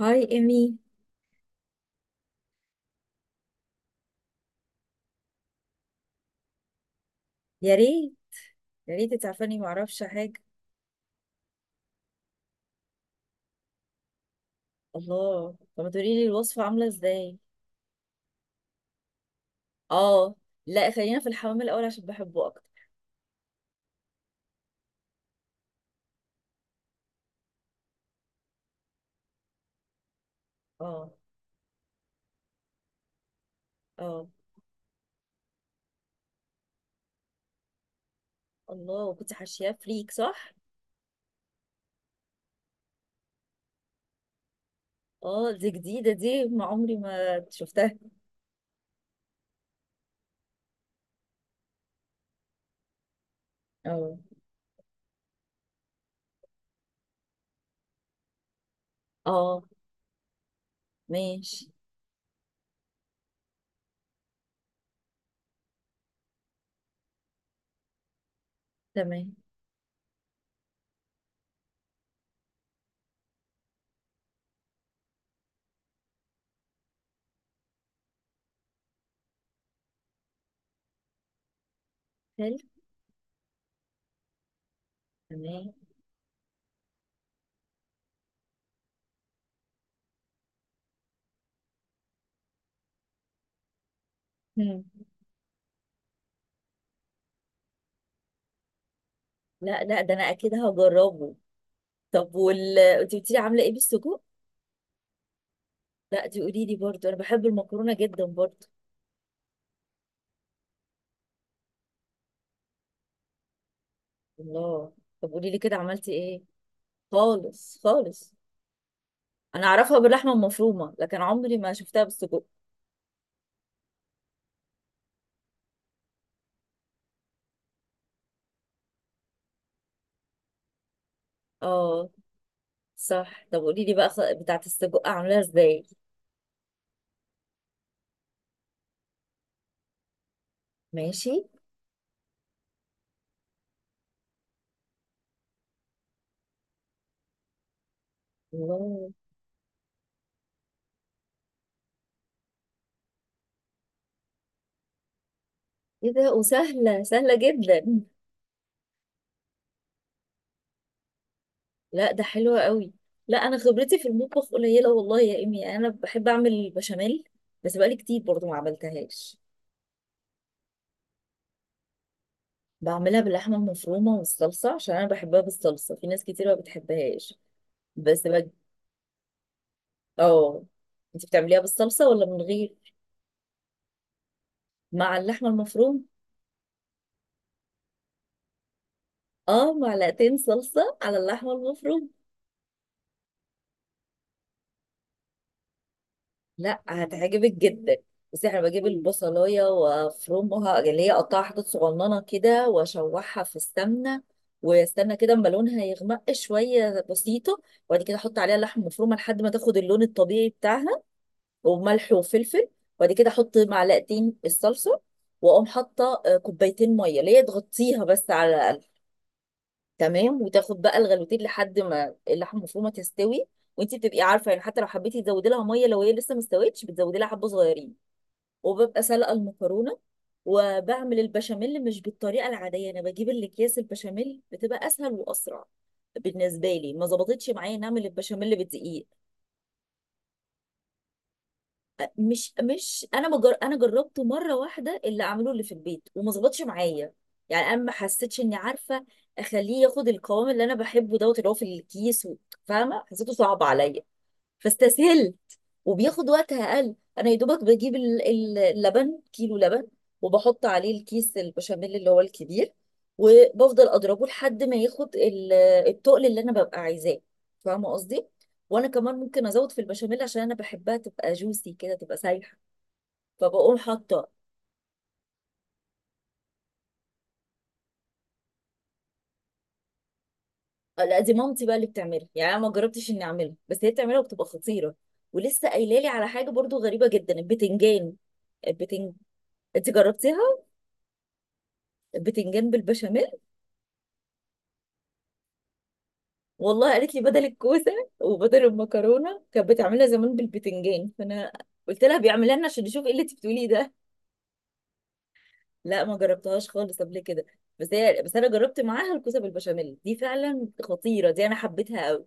هاي ايمي. يا ريت. يا ريت تعرفني، ما اعرفش حاجه. الله، طب ما تقولي لي الوصفه عامله ازاي؟ اه. لا، خلينا في الحمام الاول عشان بحبه اكتر. اه، اه. الله، وكنت حاشياه فريك صح؟ اه، دي جديده دي ما عمري ما شفتها. اه، اه. ماشي. تمام. حلو. تمام. هم. لا، لا، ده انا اكيد هجربه. طب، انت قلتي لي عامله ايه بالسجق؟ لا، دي قولي لي برضه، انا بحب المكرونه جدا برضه. الله. طب، قولي لي كده عملتي ايه؟ خالص خالص. انا اعرفها باللحمه المفرومه، لكن عمري ما شفتها بالسجق. اه. صح، طب قولي لي بقى بتاعه السجق عاملاها ازاي؟ ماشي. الله. ايه ده، وسهله سهله جدا. لا، ده حلوه قوي. لا، انا خبرتي في المطبخ قليله، والله يا امي، انا بحب اعمل البشاميل. بس بقالي كتير برضو ما عملتهاش. بعملها باللحمه المفرومه والصلصه عشان انا بحبها بالصلصه، في ناس كتير ما بتحبهاش. بس بج... اه. انت بتعمليها بالصلصه ولا من غير؟ مع اللحمه المفرومه. اه، معلقتين صلصة على اللحمة المفروم. لا، هتعجبك جدا. بس انا بجيب البصلاية وافرمها، اللي هي اقطعها حتت صغننة كده واشوحها في السمنة. واستنى كده اما لونها يغمق شوية بسيطة. وبعد كده احط عليها اللحمة المفرومة لحد ما تاخد اللون الطبيعي بتاعها. وملح وفلفل. وبعد كده احط معلقتين الصلصة. واقوم حاطة كوبايتين مية، اللي هي تغطيها بس على تمام، وتاخد بقى الغلوتين لحد ما اللحمه المفرومه تستوي. وانت بتبقي عارفه يعني، حتى لو حبيتي تزودي لها ميه لو هي لسه ما استوتش بتزودي لها حبه صغيرين. وببقى سلقه المكرونه. وبعمل البشاميل مش بالطريقه العاديه، انا بجيب الاكياس البشاميل، بتبقى اسهل واسرع بالنسبه لي. ما ظبطتش معايا نعمل البشاميل بدقيق. مش انا جربته مره واحده اللي عملوه اللي في البيت وما ظبطش معايا. يعني انا ما حسيتش اني عارفه اخليه ياخد القوام اللي انا بحبه دوت اللي هو في الكيس فاهمه، حسيته صعب عليا. فاستسهلت. وبياخد وقت اقل. انا يا دوبك بجيب اللبن، كيلو لبن. وبحط عليه الكيس البشاميل اللي هو الكبير. وبفضل اضربه لحد ما ياخد التقل اللي انا ببقى عايزاه. فاهمه قصدي؟ وانا كمان ممكن ازود في البشاميل عشان انا بحبها تبقى جوسي كده، تبقى سايحه. فبقوم حاطه. لا، دي مامتي بقى اللي بتعملها، يعني انا ما جربتش اني اعملها، بس هي بتعملها وبتبقى خطيره. ولسه قايله لي على حاجه برضو غريبه جدا، البتنجان. البتنج انت جربتيها؟ البتنجان بالبشاميل؟ والله قالت لي بدل الكوسه، وبدل المكرونه كانت بتعملها زمان بالبتنجان، فانا قلت لها بيعملها لنا عشان نشوف ايه اللي انت بتقوليه ده. لا، ما جربتهاش خالص قبل كده. بس انا جربت معاها الكوسه بالبشاميل، دي فعلا خطيره، دي انا حبيتها قوي.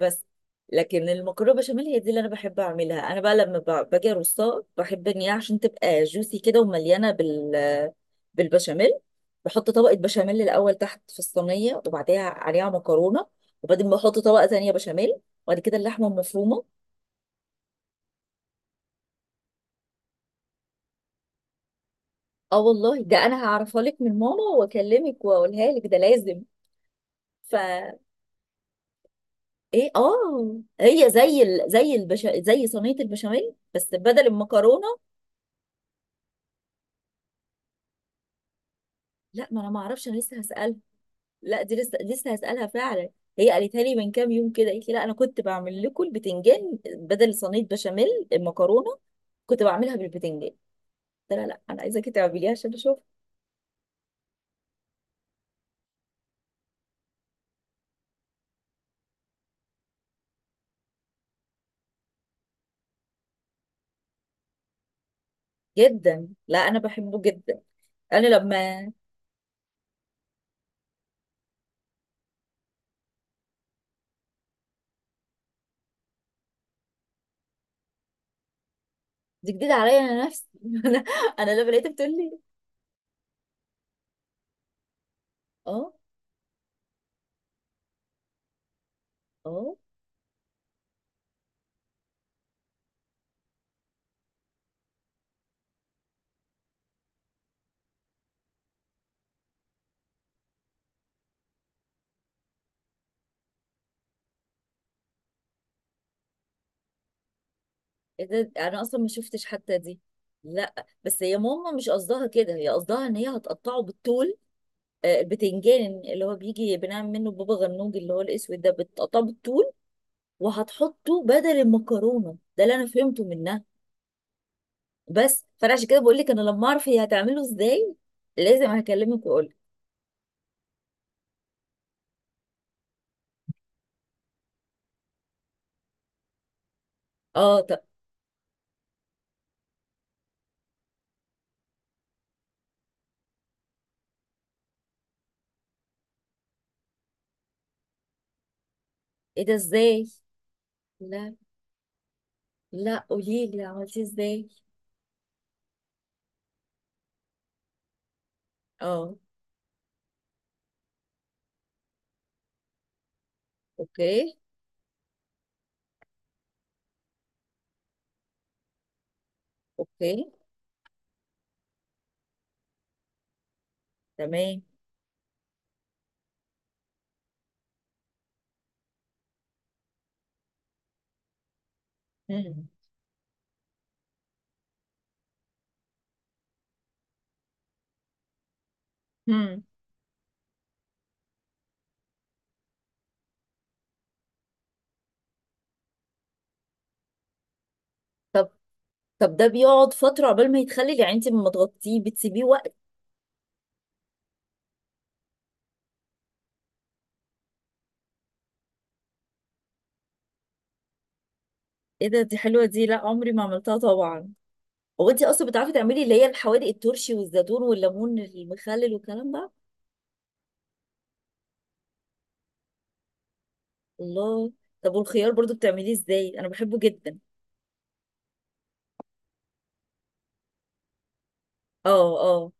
بس. لكن المكرونه بشاميل هي دي اللي انا بحب اعملها. انا بقى لما باجي ارصها بحب ان هي عشان تبقى جوسي كده ومليانه بالبشاميل، بحط طبقه بشاميل الاول تحت في الصينيه وبعديها عليها مكرونه. وبعدين بحط طبقه تانية بشاميل. وبعد كده اللحمه المفرومه. اه والله، ده انا هعرفها لك من ماما واكلمك واقولها لك، ده لازم. فا ايه. اه هي زي صينيه البشاميل بس بدل المكرونه. لا، ما انا ما اعرفش، انا لسه هسألك. لا، دي لسه لسه هسألها فعلا. هي قالتها لي من كام يوم كده، قالت لي لا انا كنت بعمل لكم البتنجان بدل صينيه بشاميل. المكرونه كنت بعملها بالبتنجان. قلت لها لا، انا عايزاكي تعمليها عشان اشوف. جدا، لا انا بحبه جدا. انا لما دي جديده عليا انا نفسي انا انا لما لقيتها بتقول لي. اه، اه. إيه ده، انا اصلا ما شفتش حتى دي. لا بس هي ماما مش قصدها كده، هي قصدها ان هي هتقطعه بالطول. البتنجان اللي هو بيجي بنعمل منه بابا غنوج اللي هو الاسود ده بتقطعه بالطول. وهتحطه بدل المكرونه، ده اللي انا فهمته منها. بس فانا عشان كده بقول لك انا لما اعرف هي هتعمله ازاي، لازم هكلمك واقول لك. اه، طب. ايه ده، ازاي؟ لا، لا، قولي لي عملتيه ازاي؟ اه. اوكي. اوكي. تمام. مم. مم. طب طب، ده بيقعد فتره عقبال ما يتخلل؟ يعني انت لما تغطيه بتسيبيه وقت؟ ايه ده، دي حلوه دي، لا عمري ما عملتها طبعا. هو انت اصلا بتعرفي تعملي اللي هي الحوادق، الترشي والزيتون والليمون المخلل والكلام ده؟ الله. طب، والخيار برضو بتعمليه ازاي؟ انا بحبه جدا. اه، اه.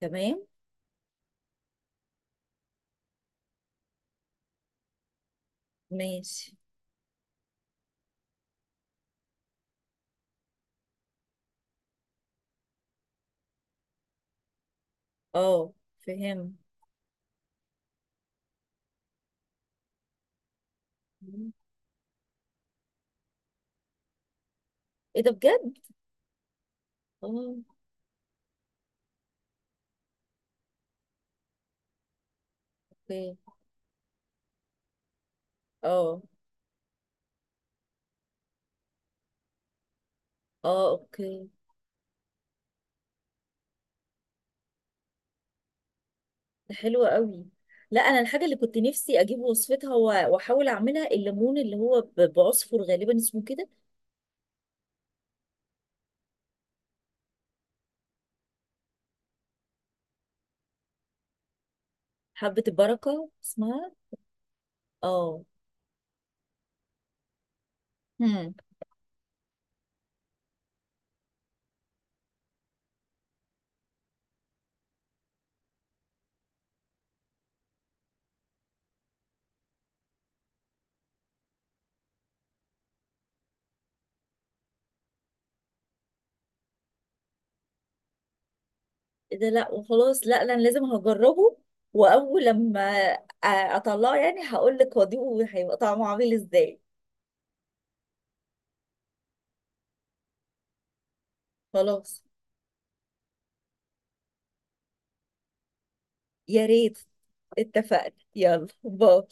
تمام. ماشي. اه. فهم. ايه ده بجد؟ اه. اوكي. اه، اه. اوكي. ده حلو قوي. لا، انا الحاجه اللي كنت نفسي اجيب وصفتها واحاول اعملها الليمون اللي هو بعصفر غالبا اسمه كده. حبه البركه اسمها. اه. هم. ايه ده! لا وخلاص، لا، لا، انا لازم هجربه. واول لما اطلعه يعني هقول لك واضيفه هيبقى طعمه عامل ازاي. خلاص. يا ريت. اتفقنا، يلا باي.